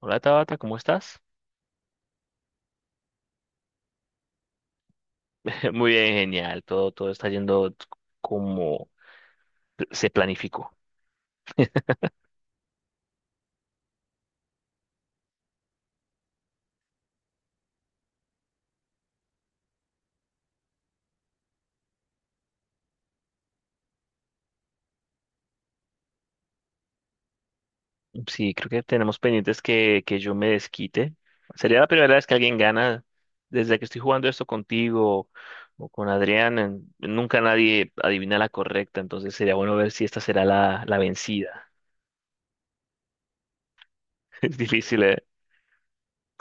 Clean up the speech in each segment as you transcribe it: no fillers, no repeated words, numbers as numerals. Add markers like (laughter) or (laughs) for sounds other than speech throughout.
Hola Tabata, ¿cómo estás? (laughs) Muy bien, genial. Todo está yendo como se planificó. Sí, creo que tenemos pendientes que yo me desquite. Sería la primera vez que alguien gana. Desde que estoy jugando esto contigo o con Adrián, nunca nadie adivina la correcta. Entonces sería bueno ver si esta será la vencida. (laughs) Es difícil, ¿eh?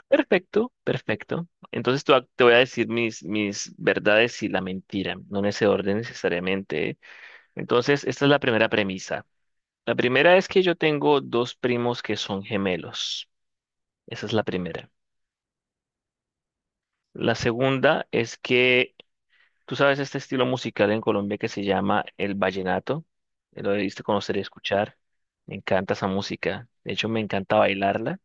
Perfecto, perfecto. Entonces te voy a decir mis verdades y la mentira, no en ese orden necesariamente, ¿eh? Entonces, esta es la primera premisa. La primera es que yo tengo dos primos que son gemelos. Esa es la primera. La segunda es que tú sabes este estilo musical en Colombia que se llama el vallenato. Lo debiste conocer y escuchar. Me encanta esa música. De hecho, me encanta bailarla.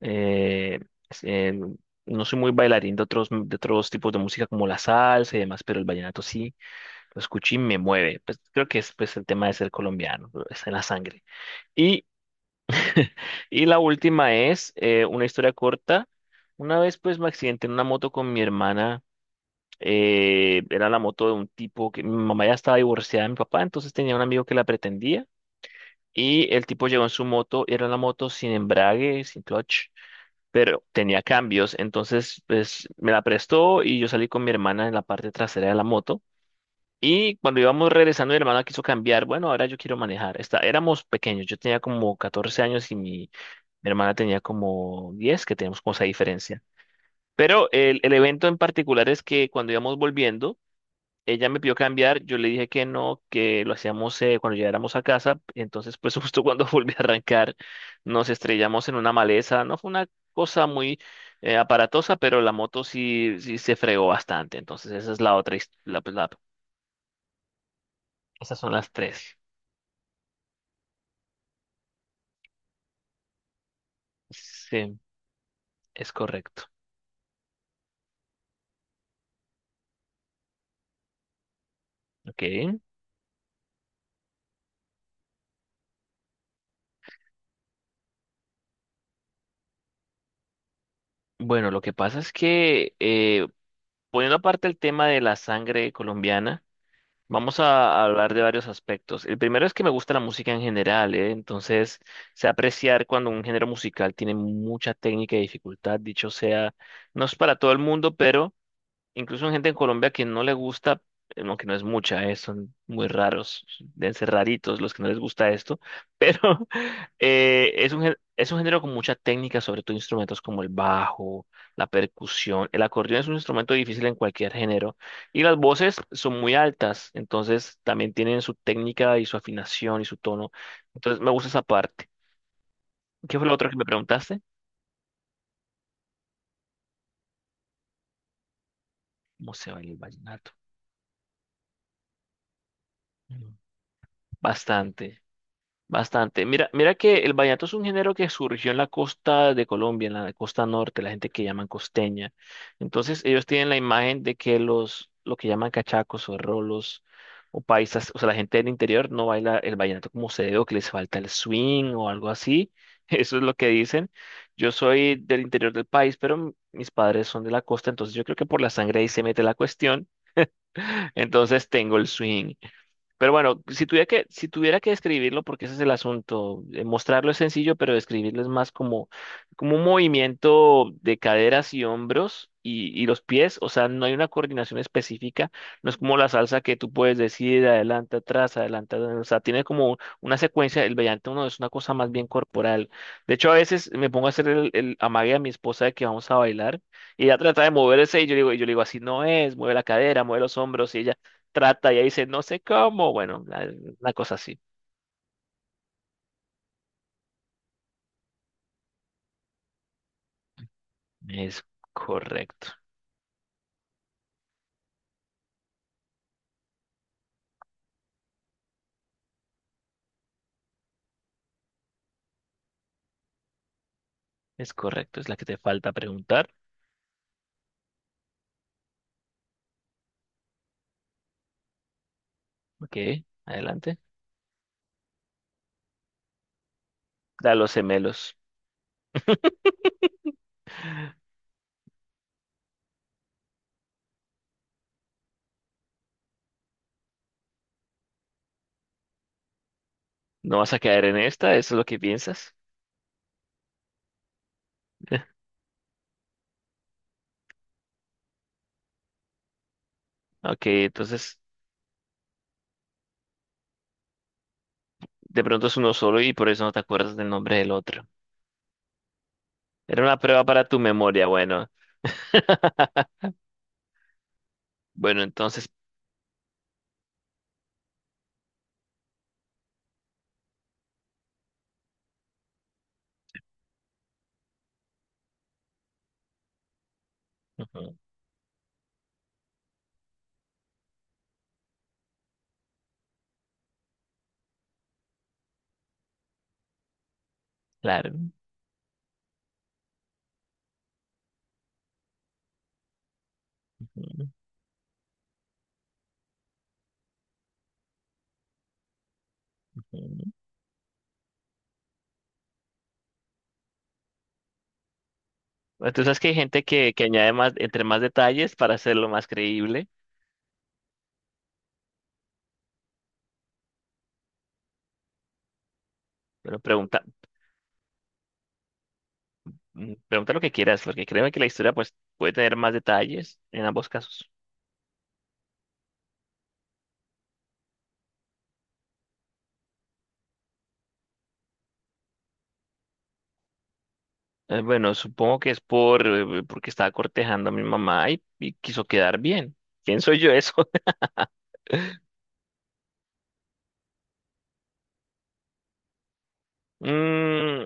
Eh, es- eh, no soy muy bailarín de otros tipos de música como la salsa y demás, pero el vallenato sí lo escuché y me mueve. Pues, creo que es pues, el tema de ser colombiano, está en la sangre. Y (laughs) y la última es una historia corta. Una vez pues me accidenté en una moto con mi hermana. Era la moto de un tipo que mi mamá ya estaba divorciada de mi papá, entonces tenía un amigo que la pretendía. Y el tipo llegó en su moto, era una moto sin embrague, sin clutch, pero tenía cambios. Entonces pues me la prestó y yo salí con mi hermana en la parte trasera de la moto. Y cuando íbamos regresando, mi hermana quiso cambiar. Bueno, ahora yo quiero manejar. Está, éramos pequeños, yo tenía como 14 años y mi hermana tenía como 10, que teníamos como esa diferencia. Pero el evento en particular es que cuando íbamos volviendo, ella me pidió cambiar, yo le dije que no, que lo hacíamos cuando llegáramos a casa. Entonces, pues (laughs) justo cuando volví a arrancar, nos estrellamos en una maleza. No fue una cosa muy aparatosa, pero la moto sí se fregó bastante. Entonces, esa es la otra, esas son las tres. Sí, es correcto. Ok. Bueno, lo que pasa es que poniendo aparte el tema de la sangre colombiana, vamos a hablar de varios aspectos. El primero es que me gusta la música en general, ¿eh? Entonces, sé apreciar cuando un género musical tiene mucha técnica y dificultad. Dicho sea, no es para todo el mundo, pero incluso hay gente en Colombia que no le gusta, aunque no es mucha, son muy raros, deben ser raritos los que no les gusta esto, pero (laughs) es un género con mucha técnica, sobre todo instrumentos como el bajo, la percusión. El acordeón es un instrumento difícil en cualquier género y las voces son muy altas, entonces también tienen su técnica y su afinación y su tono. Entonces me gusta esa parte. ¿Qué fue lo otro que me preguntaste? ¿Cómo se baila el vallenato? Mm. Bastante. Bastante. Mira, mira que el vallenato es un género que surgió en la costa de Colombia, en la costa norte, la gente que llaman costeña. Entonces, ellos tienen la imagen de que lo que llaman cachacos o rolos o paisas, o sea, la gente del interior no baila el vallenato como se debe o que les falta el swing o algo así. (laughs) Eso es lo que dicen. Yo soy del interior del país, pero mis padres son de la costa, entonces yo creo que por la sangre ahí se mete la cuestión. Entonces tengo el swing. Pero bueno, si tuviera que describirlo, porque ese es el asunto, mostrarlo es sencillo, pero describirlo es más como, como un movimiento de caderas y hombros y los pies, o sea, no hay una coordinación específica, no es como la salsa que tú puedes decir adelante, atrás, adelante, adelante, o sea, tiene como una secuencia, el vellante uno es una cosa más bien corporal. De hecho, a veces me pongo a hacer el amague a mi esposa de que vamos a bailar y ella trata de moverse y yo digo, y yo le digo, así no es, mueve la cadera, mueve los hombros y ella trata y ahí dice, no sé cómo. Bueno, la cosa así. Es correcto. Es correcto. Es la que te falta preguntar. Ok, adelante. Da los gemelos. No vas a caer en esta, eso es lo que piensas. (laughs) Ok, entonces de pronto es uno solo y por eso no te acuerdas del nombre del otro. Era una prueba para tu memoria, bueno. (laughs) Bueno, entonces, ujú, claro. Ujú, ujú. Bueno, tú sabes que hay gente que añade más, entre más detalles para hacerlo más creíble, pero pregunta. Mm, pregunta lo que quieras, porque créeme que la historia pues, puede tener más detalles en ambos casos. Bueno, supongo que es por porque estaba cortejando a mi mamá y quiso quedar bien. ¿Quién soy yo eso? (laughs) Mm,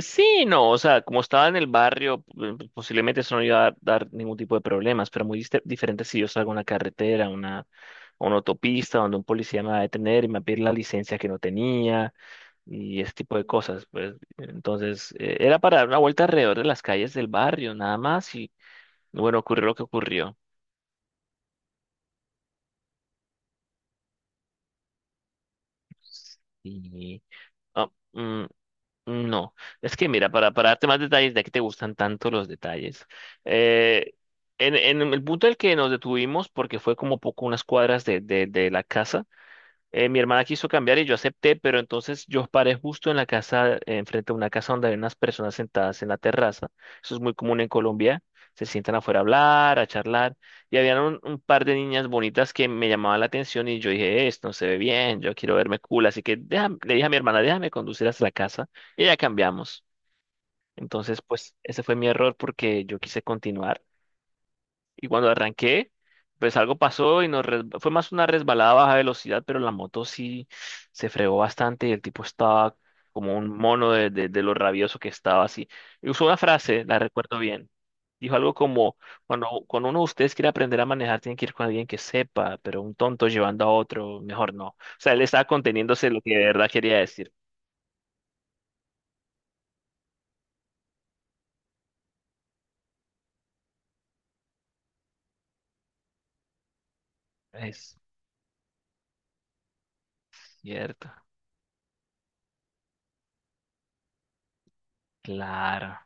sí, no, o sea, como estaba en el barrio, posiblemente eso no iba a dar ningún tipo de problemas, pero muy diferente si yo salgo a una carretera, a una autopista, donde un policía me va a detener y me va a pedir la licencia que no tenía, y ese tipo de cosas, pues. Entonces, era para dar una vuelta alrededor de las calles del barrio, nada más, y bueno, ocurrió lo que ocurrió. Y, ah, mm, no, es que mira, para darte más detalles, de que te gustan tanto los detalles, eh, en el punto en el que nos detuvimos, porque fue como poco unas cuadras de la casa. Mi hermana quiso cambiar y yo acepté, pero entonces yo paré justo en la casa, enfrente de una casa donde había unas personas sentadas en la terraza. Eso es muy común en Colombia. Se sientan afuera a hablar, a charlar. Y había un par de niñas bonitas que me llamaban la atención y yo dije, esto no se ve bien, yo quiero verme cool. Así que le dije a mi hermana, déjame conducir hasta la casa y ya cambiamos. Entonces, pues ese fue mi error porque yo quise continuar. Y cuando arranqué, pues algo pasó y fue más una resbalada a baja velocidad, pero la moto sí se fregó bastante y el tipo estaba como un mono de lo rabioso que estaba así. Y usó una frase, la recuerdo bien. Dijo algo como, cuando uno de ustedes quiere aprender a manejar, tiene que ir con alguien que sepa, pero un tonto llevando a otro, mejor no. O sea, él estaba conteniéndose lo que de verdad quería decir. Es cierto, claro,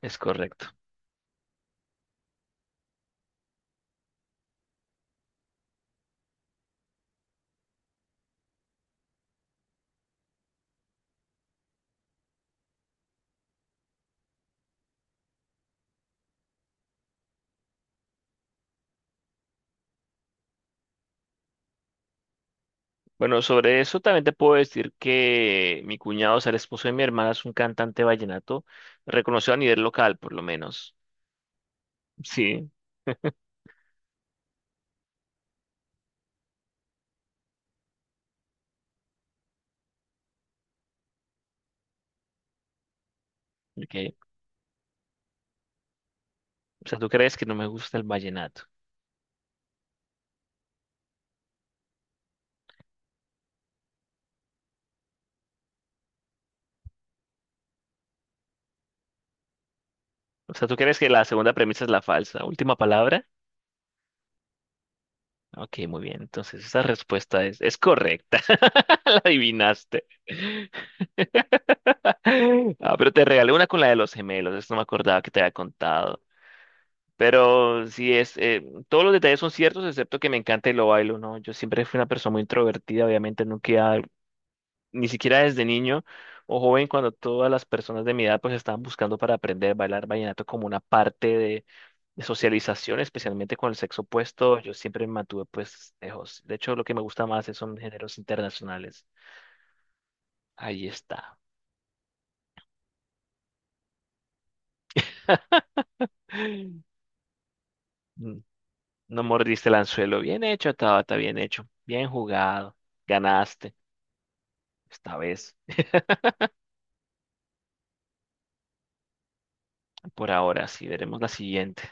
es correcto. Bueno, sobre eso también te puedo decir que mi cuñado, o sea, el esposo de mi hermana, es un cantante vallenato reconocido a nivel local, por lo menos. Sí, ok. O sea, ¿tú crees que no me gusta el vallenato? O sea, ¿tú crees que la segunda premisa es la falsa? ¿Última palabra? Ok, muy bien. Entonces, esa respuesta es correcta. (laughs) La adivinaste. (laughs) Ah, pero te regalé una con la de los gemelos. Esto no me acordaba que te había contado. Pero sí es, todos los detalles son ciertos, excepto que me encanta y lo bailo, ¿no? Yo siempre fui una persona muy introvertida, obviamente nunca, ni siquiera desde niño o joven, cuando todas las personas de mi edad pues estaban buscando para aprender a bailar vallenato como una parte de socialización, especialmente con el sexo opuesto, yo siempre me mantuve pues lejos. De hecho, lo que me gusta más son géneros internacionales. Ahí está. (gasps) Mm, no mordiste el anzuelo. Bien hecho, Tabata, bien hecho. Bien jugado. Ganaste esta vez. Por ahora, sí, veremos la siguiente.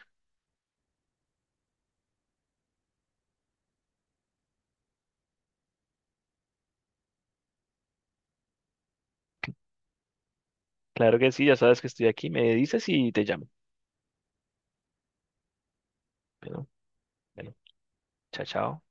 Claro que sí, ya sabes que estoy aquí, me dices y te llamo. Bueno, bueno, chao, chao.